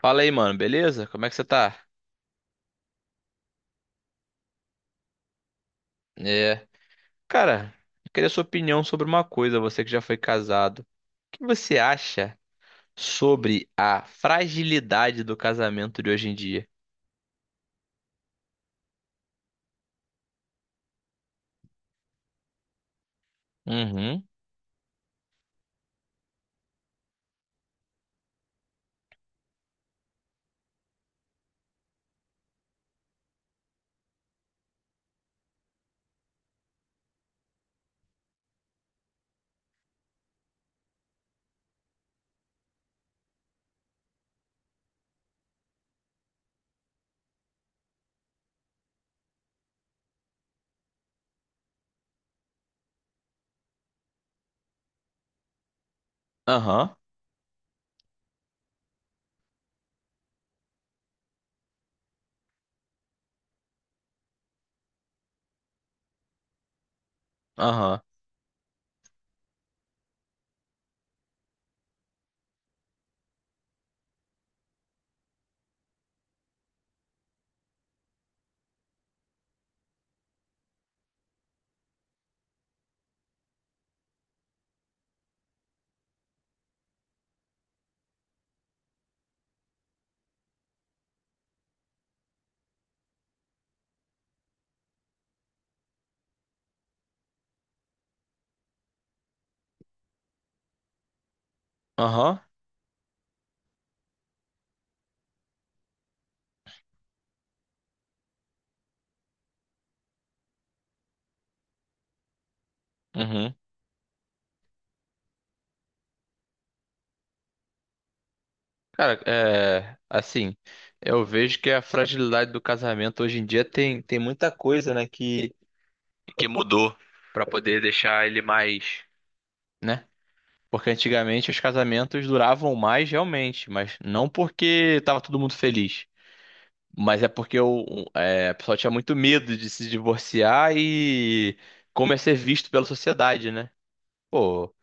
Fala aí, mano, beleza? Como é que você tá? É. Cara, eu queria sua opinião sobre uma coisa, você que já foi casado. O que você acha sobre a fragilidade do casamento de hoje em dia? Uhum. Aham. Aham. Aham. Uhum. Cara, é. Assim, eu vejo que a fragilidade do casamento hoje em dia tem muita coisa, né, que mudou pra poder deixar ele mais, né? Porque antigamente os casamentos duravam mais realmente, mas não porque tava todo mundo feliz. Mas é porque a pessoa tinha muito medo de se divorciar e como é ser visto pela sociedade, né? Pô,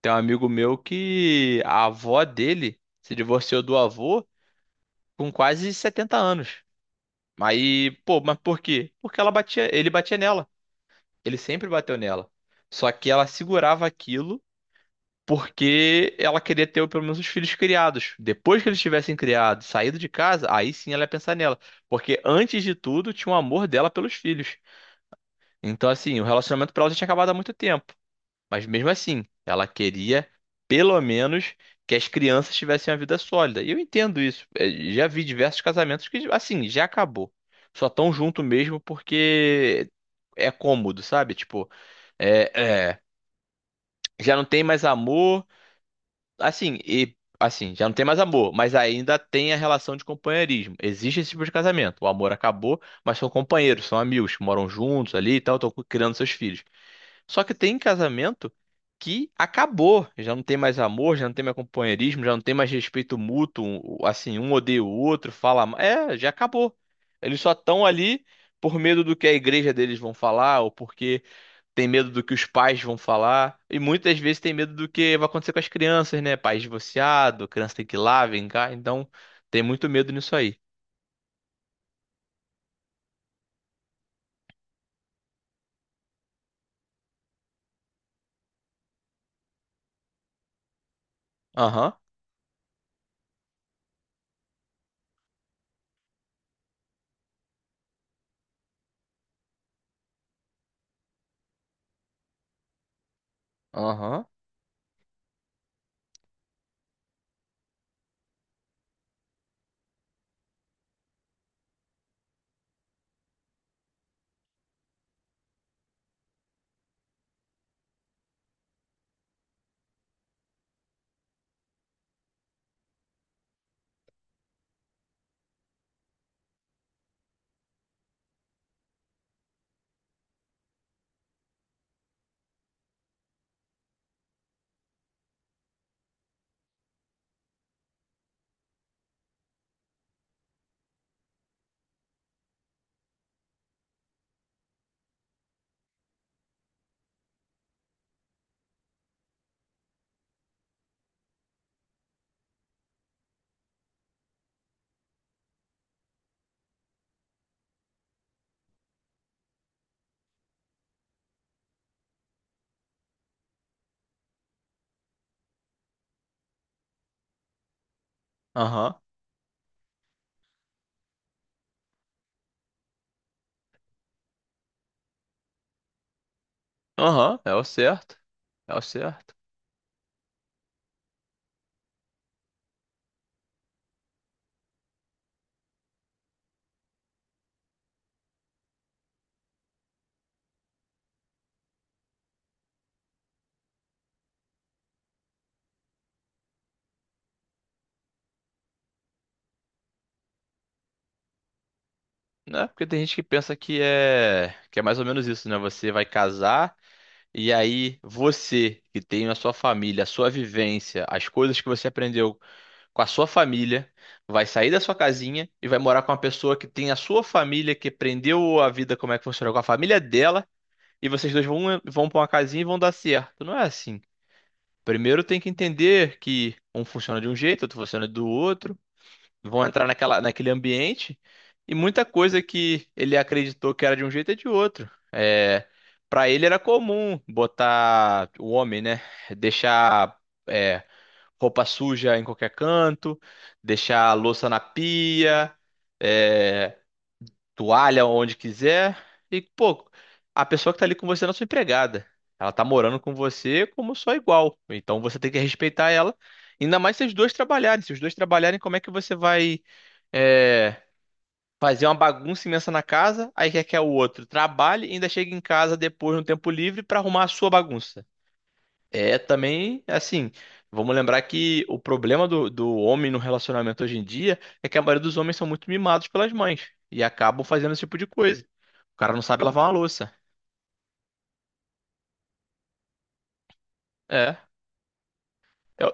tem um amigo meu que a avó dele se divorciou do avô com quase 70 anos. Aí, pô, mas por quê? Porque ela batia, ele batia nela. Ele sempre bateu nela. Só que ela segurava aquilo porque ela queria ter pelo menos os filhos criados. Depois que eles tivessem criado, saído de casa, aí sim ela ia pensar nela. Porque antes de tudo, tinha o amor dela pelos filhos. Então, assim, o relacionamento pra ela já tinha acabado há muito tempo. Mas mesmo assim, ela queria, pelo menos, que as crianças tivessem uma vida sólida. E eu entendo isso. É, já vi diversos casamentos que, assim, já acabou. Só tão junto mesmo porque é cômodo, sabe? Tipo, é, é, já não tem mais amor. Assim, e assim, já não tem mais amor, mas ainda tem a relação de companheirismo. Existe esse tipo de casamento. O amor acabou, mas são companheiros, são amigos, moram juntos ali e tal, estão criando seus filhos. Só que tem casamento que acabou, já não tem mais amor, já não tem mais companheirismo, já não tem mais respeito mútuo, assim, um odeia o outro, fala, já acabou. Eles só estão ali por medo do que a igreja deles vão falar ou porque tem medo do que os pais vão falar, e muitas vezes tem medo do que vai acontecer com as crianças, né? Pais divorciados, criança tem que ir lá, vem cá, então tem muito medo nisso aí. Aham, aham, aham, aham, é o certo, é o certo. Né? Porque tem gente que pensa que é mais ou menos isso, né? Você vai casar e aí você que tem a sua família, a sua vivência, as coisas que você aprendeu com a sua família, vai sair da sua casinha e vai morar com uma pessoa que tem a sua família, que aprendeu a vida como é que funciona com a família dela, e vocês dois vão para uma casinha e vão dar certo. Não é assim. Primeiro tem que entender que um funciona de um jeito, outro funciona do outro, vão entrar naquela, naquele ambiente e muita coisa que ele acreditou que era de um jeito é de outro. É, para ele era comum botar o homem, né? Deixar. É, roupa suja em qualquer canto, deixar a louça na pia, é, toalha onde quiser. E, pô, a pessoa que tá ali com você não é sua empregada. Ela tá morando com você como sua igual. Então você tem que respeitar ela. Ainda mais se os dois trabalharem. Se os dois trabalharem, como é que você vai, é, fazer uma bagunça imensa na casa, aí quer que o outro trabalhe e ainda chegue em casa depois no tempo livre pra arrumar a sua bagunça? É também, assim, vamos lembrar que o problema do, do homem no relacionamento hoje em dia é que a maioria dos homens são muito mimados pelas mães e acabam fazendo esse tipo de coisa. O cara não sabe lavar uma louça. É, eu,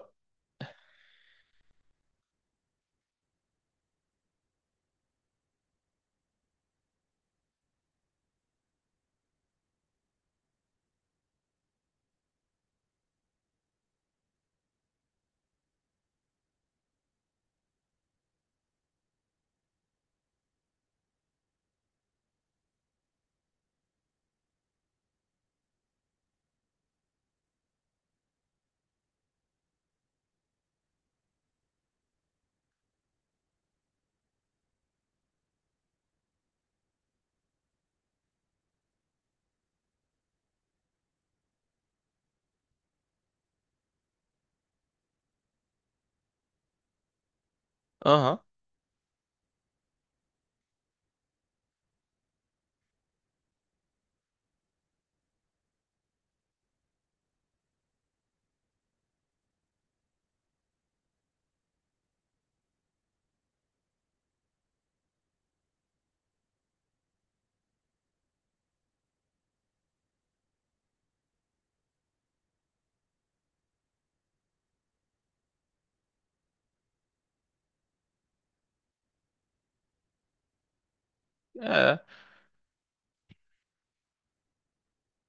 aham,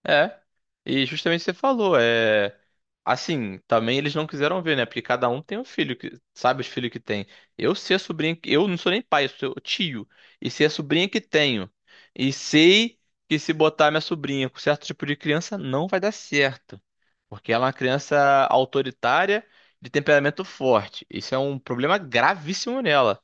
É. E justamente você falou. Assim, também eles não quiseram ver, né? Porque cada um tem um filho, que sabe os filhos que tem. Eu ser a sobrinha, eu não sou nem pai, eu sou tio. E ser a sobrinha que tenho. E sei que se botar minha sobrinha com certo tipo de criança, não vai dar certo. Porque ela é uma criança autoritária, de temperamento forte. Isso é um problema gravíssimo nela.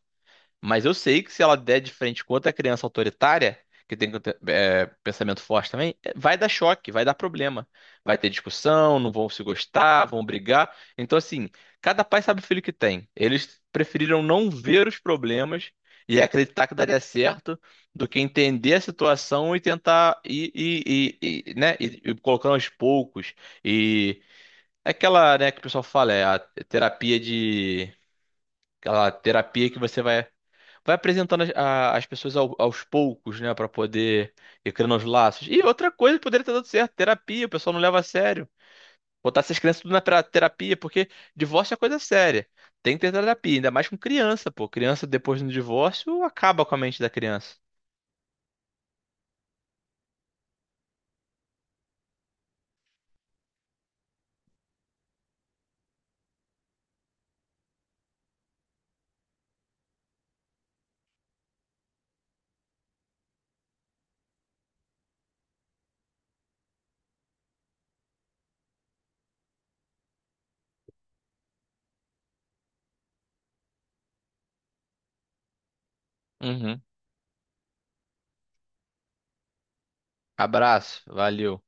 Mas eu sei que se ela der de frente com outra criança autoritária, que tem pensamento forte também, vai dar choque, vai dar problema. Vai ter discussão, não vão se gostar, vão brigar. Então, assim, cada pai sabe o filho que tem. Eles preferiram não ver os problemas e acreditar que daria certo do que entender a situação e tentar ir, né, ir colocando aos poucos. E é aquela, né, que o pessoal fala, é a terapia de. Aquela terapia que você vai apresentando as, as pessoas aos poucos, né, pra poder ir criando os laços. E outra coisa que poderia ter dado certo, terapia, o pessoal não leva a sério. Botar essas crianças tudo na terapia, porque divórcio é coisa séria. Tem que ter terapia, ainda mais com criança, pô. Criança depois do divórcio acaba com a mente da criança. Uhum. Abraço, valeu.